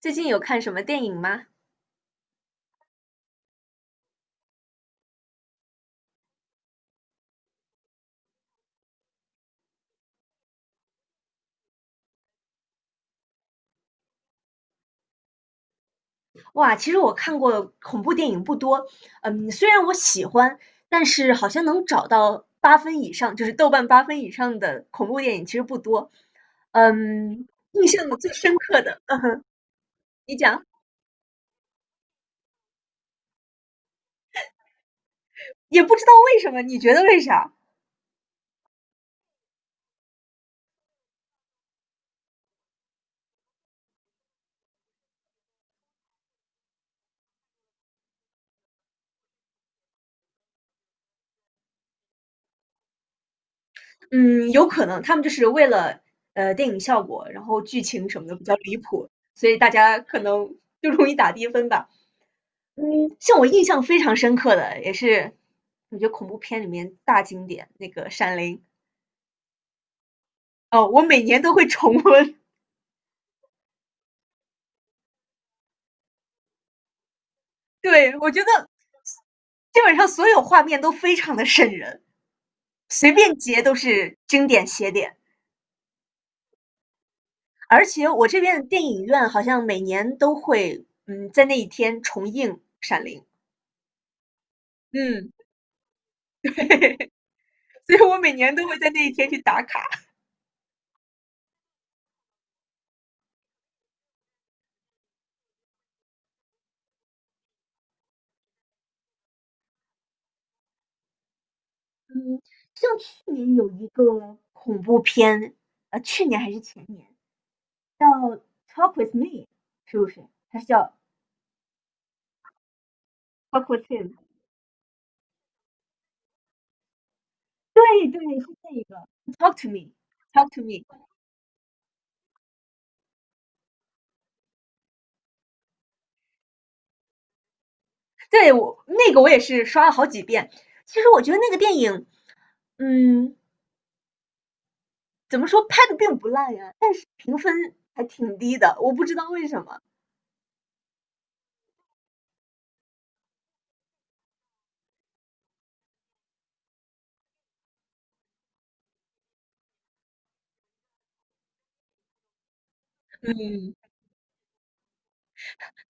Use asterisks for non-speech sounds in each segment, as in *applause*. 最近有看什么电影吗？哇，其实我看过恐怖电影不多，虽然我喜欢，但是好像能找到八分以上，就是豆瓣八分以上的恐怖电影其实不多。印象最深刻的，嗯哼。你讲，也不知道为什么，你觉得为啥？嗯，有可能他们就是为了电影效果，然后剧情什么的比较离谱，所以大家可能就容易打低分吧。嗯，像我印象非常深刻的，也是我觉得恐怖片里面大经典那个《闪灵》。哦，我每年都会重温。*laughs* 对，我觉得基本上所有画面都非常的瘆人，随便截都是经典写点。而且我这边的电影院好像每年都会，在那一天重映《闪灵》。嗯，*laughs* 所以我每年都会在那一天去打卡。嗯，像去年有一个恐怖片，去年还是前年，叫 Talk with me，是不是？还是叫 Talk with him。对对，是这一个 Talk to me，Talk to me。对，我那个我也是刷了好几遍。其实我觉得那个电影，嗯，怎么说拍的并不烂呀，但是评分还挺低的，我不知道为什么。嗯，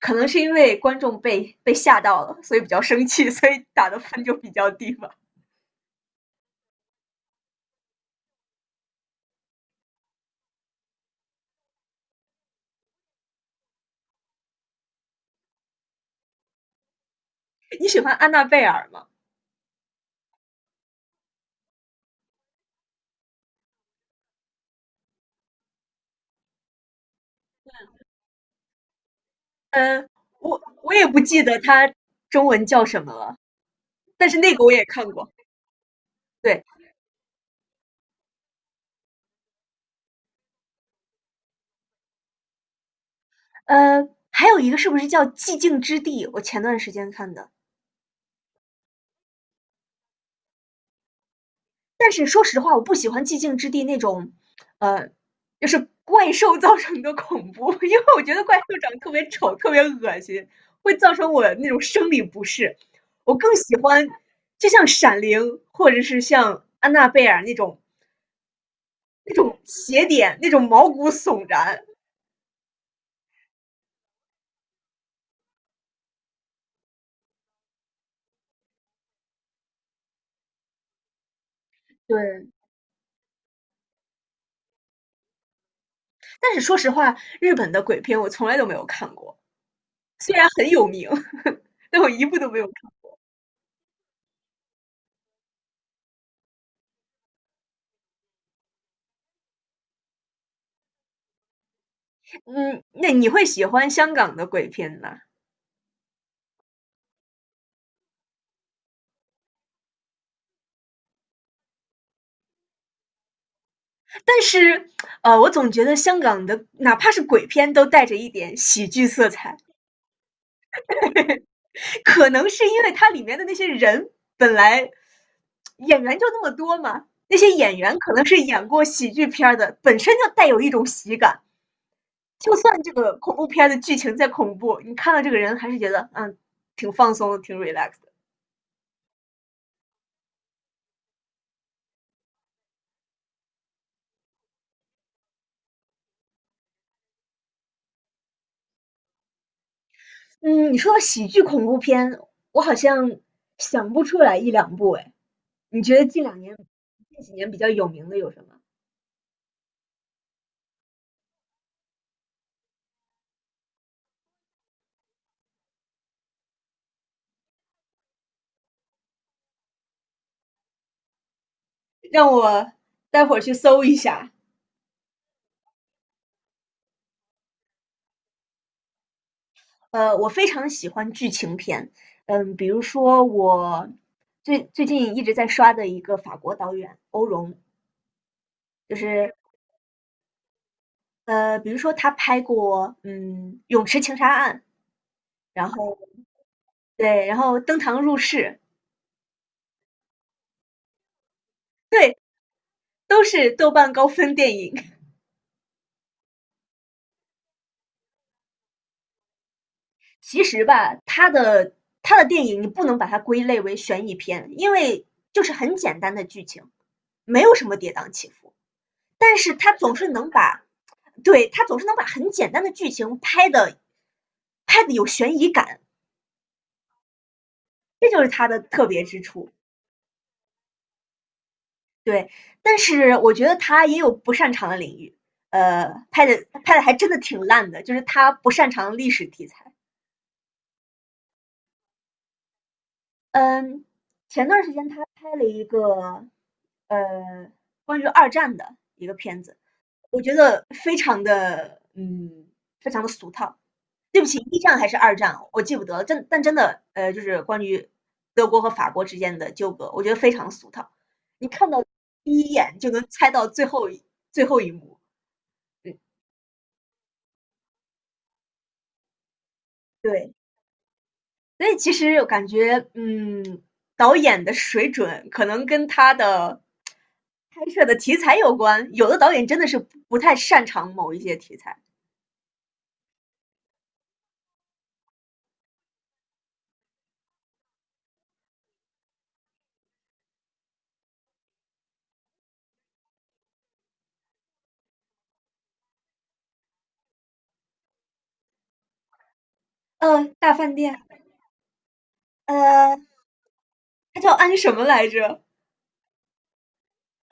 可能是因为观众被吓到了，所以比较生气，所以打的分就比较低吧。你喜欢安娜贝尔吗？嗯，我也不记得她中文叫什么了，但是那个我也看过。对，还有一个是不是叫寂静之地？我前段时间看的，但是说实话，我不喜欢寂静之地那种，呃，就是怪兽造成的恐怖。*laughs* 因为我觉得怪兽长得特别丑，特别恶心，会造成我那种生理不适。我更喜欢，就像闪灵或者是像安娜贝尔那种邪典，那种毛骨悚然。对，但是说实话，日本的鬼片我从来都没有看过，虽然很有名，但我一部都没有。嗯，那你会喜欢香港的鬼片吗？但是，我总觉得香港的哪怕是鬼片都带着一点喜剧色彩，可能是因为它里面的那些人本来演员就那么多嘛，那些演员可能是演过喜剧片儿的，本身就带有一种喜感。就算这个恐怖片儿的剧情再恐怖，你看到这个人还是觉得挺放松的，挺 relax 的。嗯，你说到喜剧恐怖片，我好像想不出来一两部哎。你觉得近2年、近几年比较有名的有什么？让我待会儿去搜一下。我非常喜欢剧情片，比如说我最近一直在刷的一个法国导演欧容，就是比如说他拍过《泳池情杀案》，然后对，然后《登堂入室》，对，都是豆瓣高分电影。其实吧，他的电影你不能把它归类为悬疑片，因为就是很简单的剧情，没有什么跌宕起伏。但是他总是能把，对，他总是能把很简单的剧情拍的有悬疑感，这就是他的特别之处。对，但是我觉得他也有不擅长的领域，拍的还真的挺烂的，就是他不擅长历史题材。嗯，前段时间他拍了一个呃关于二战的一个片子，我觉得非常的非常的俗套。对不起，一战还是二战，我记不得了。但真的就是关于德国和法国之间的纠葛，我觉得非常俗套。你看到第一眼就能猜到最后一幕。嗯，对。所以其实我感觉，导演的水准可能跟他的拍摄的题材有关。有的导演真的是不太擅长某一些题材。大饭店。呃，他叫安什么来着？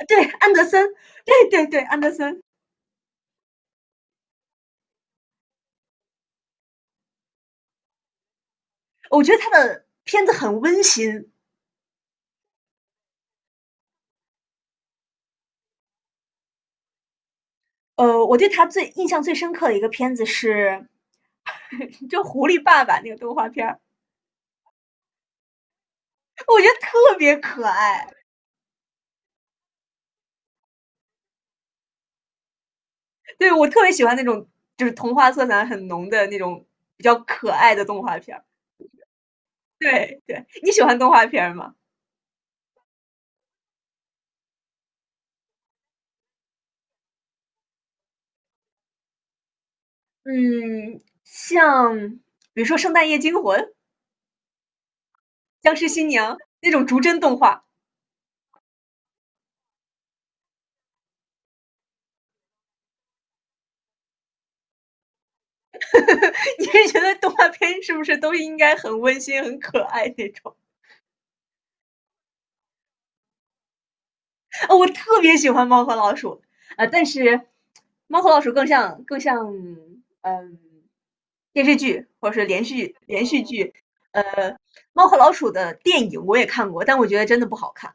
对，安德森，对对对，安德森。我觉得他的片子很温馨。我对他最印象最深刻的一个片子是 *laughs* 就《狐狸爸爸》那个动画片儿，我觉得特别可爱。对，我特别喜欢那种就是童话色彩很浓的那种比较可爱的动画片儿。对对，你喜欢动画片儿吗？嗯，像比如说《圣诞夜惊魂》《僵尸新娘》那种逐帧动画。*laughs* 你是觉得动画片是不是都应该很温馨、很可爱那种？啊、我特别喜欢《猫和老鼠》。啊、但是《猫和老鼠》更像嗯电视剧或者是连续剧。呃，《猫和老鼠》的电影我也看过，但我觉得真的不好看。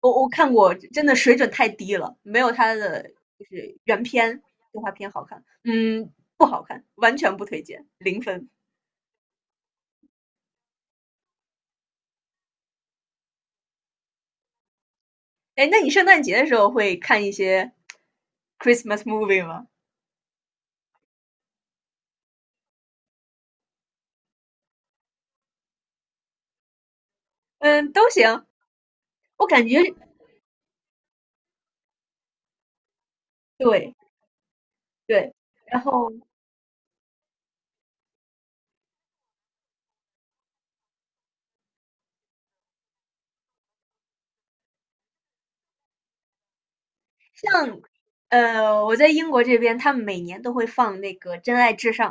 我看过，真的水准太低了，没有它的就是原片动画片好看。嗯，不好看，完全不推荐，0分。哎，那你圣诞节的时候会看一些 Christmas movie 吗？嗯，都行。我感觉，对对，然后像我在英国这边，他们每年都会放那个《真爱至上》。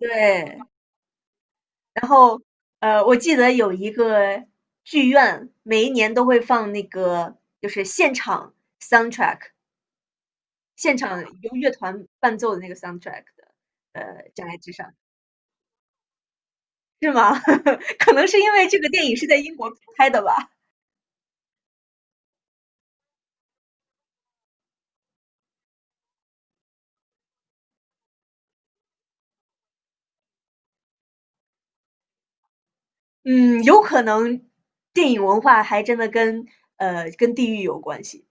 对。我记得有一个剧院，每一年都会放那个就是现场 soundtrack，现场由乐团伴奏的那个 soundtrack 的，呃，《障碍之上》是吗？*laughs* 可能是因为这个电影是在英国拍的吧。嗯，有可能电影文化还真的跟地域有关系。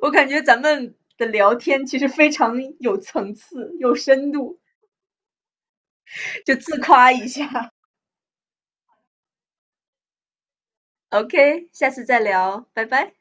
我感觉咱们的聊天其实非常有层次、有深度，就自夸一下。*laughs* OK，下次再聊，拜拜。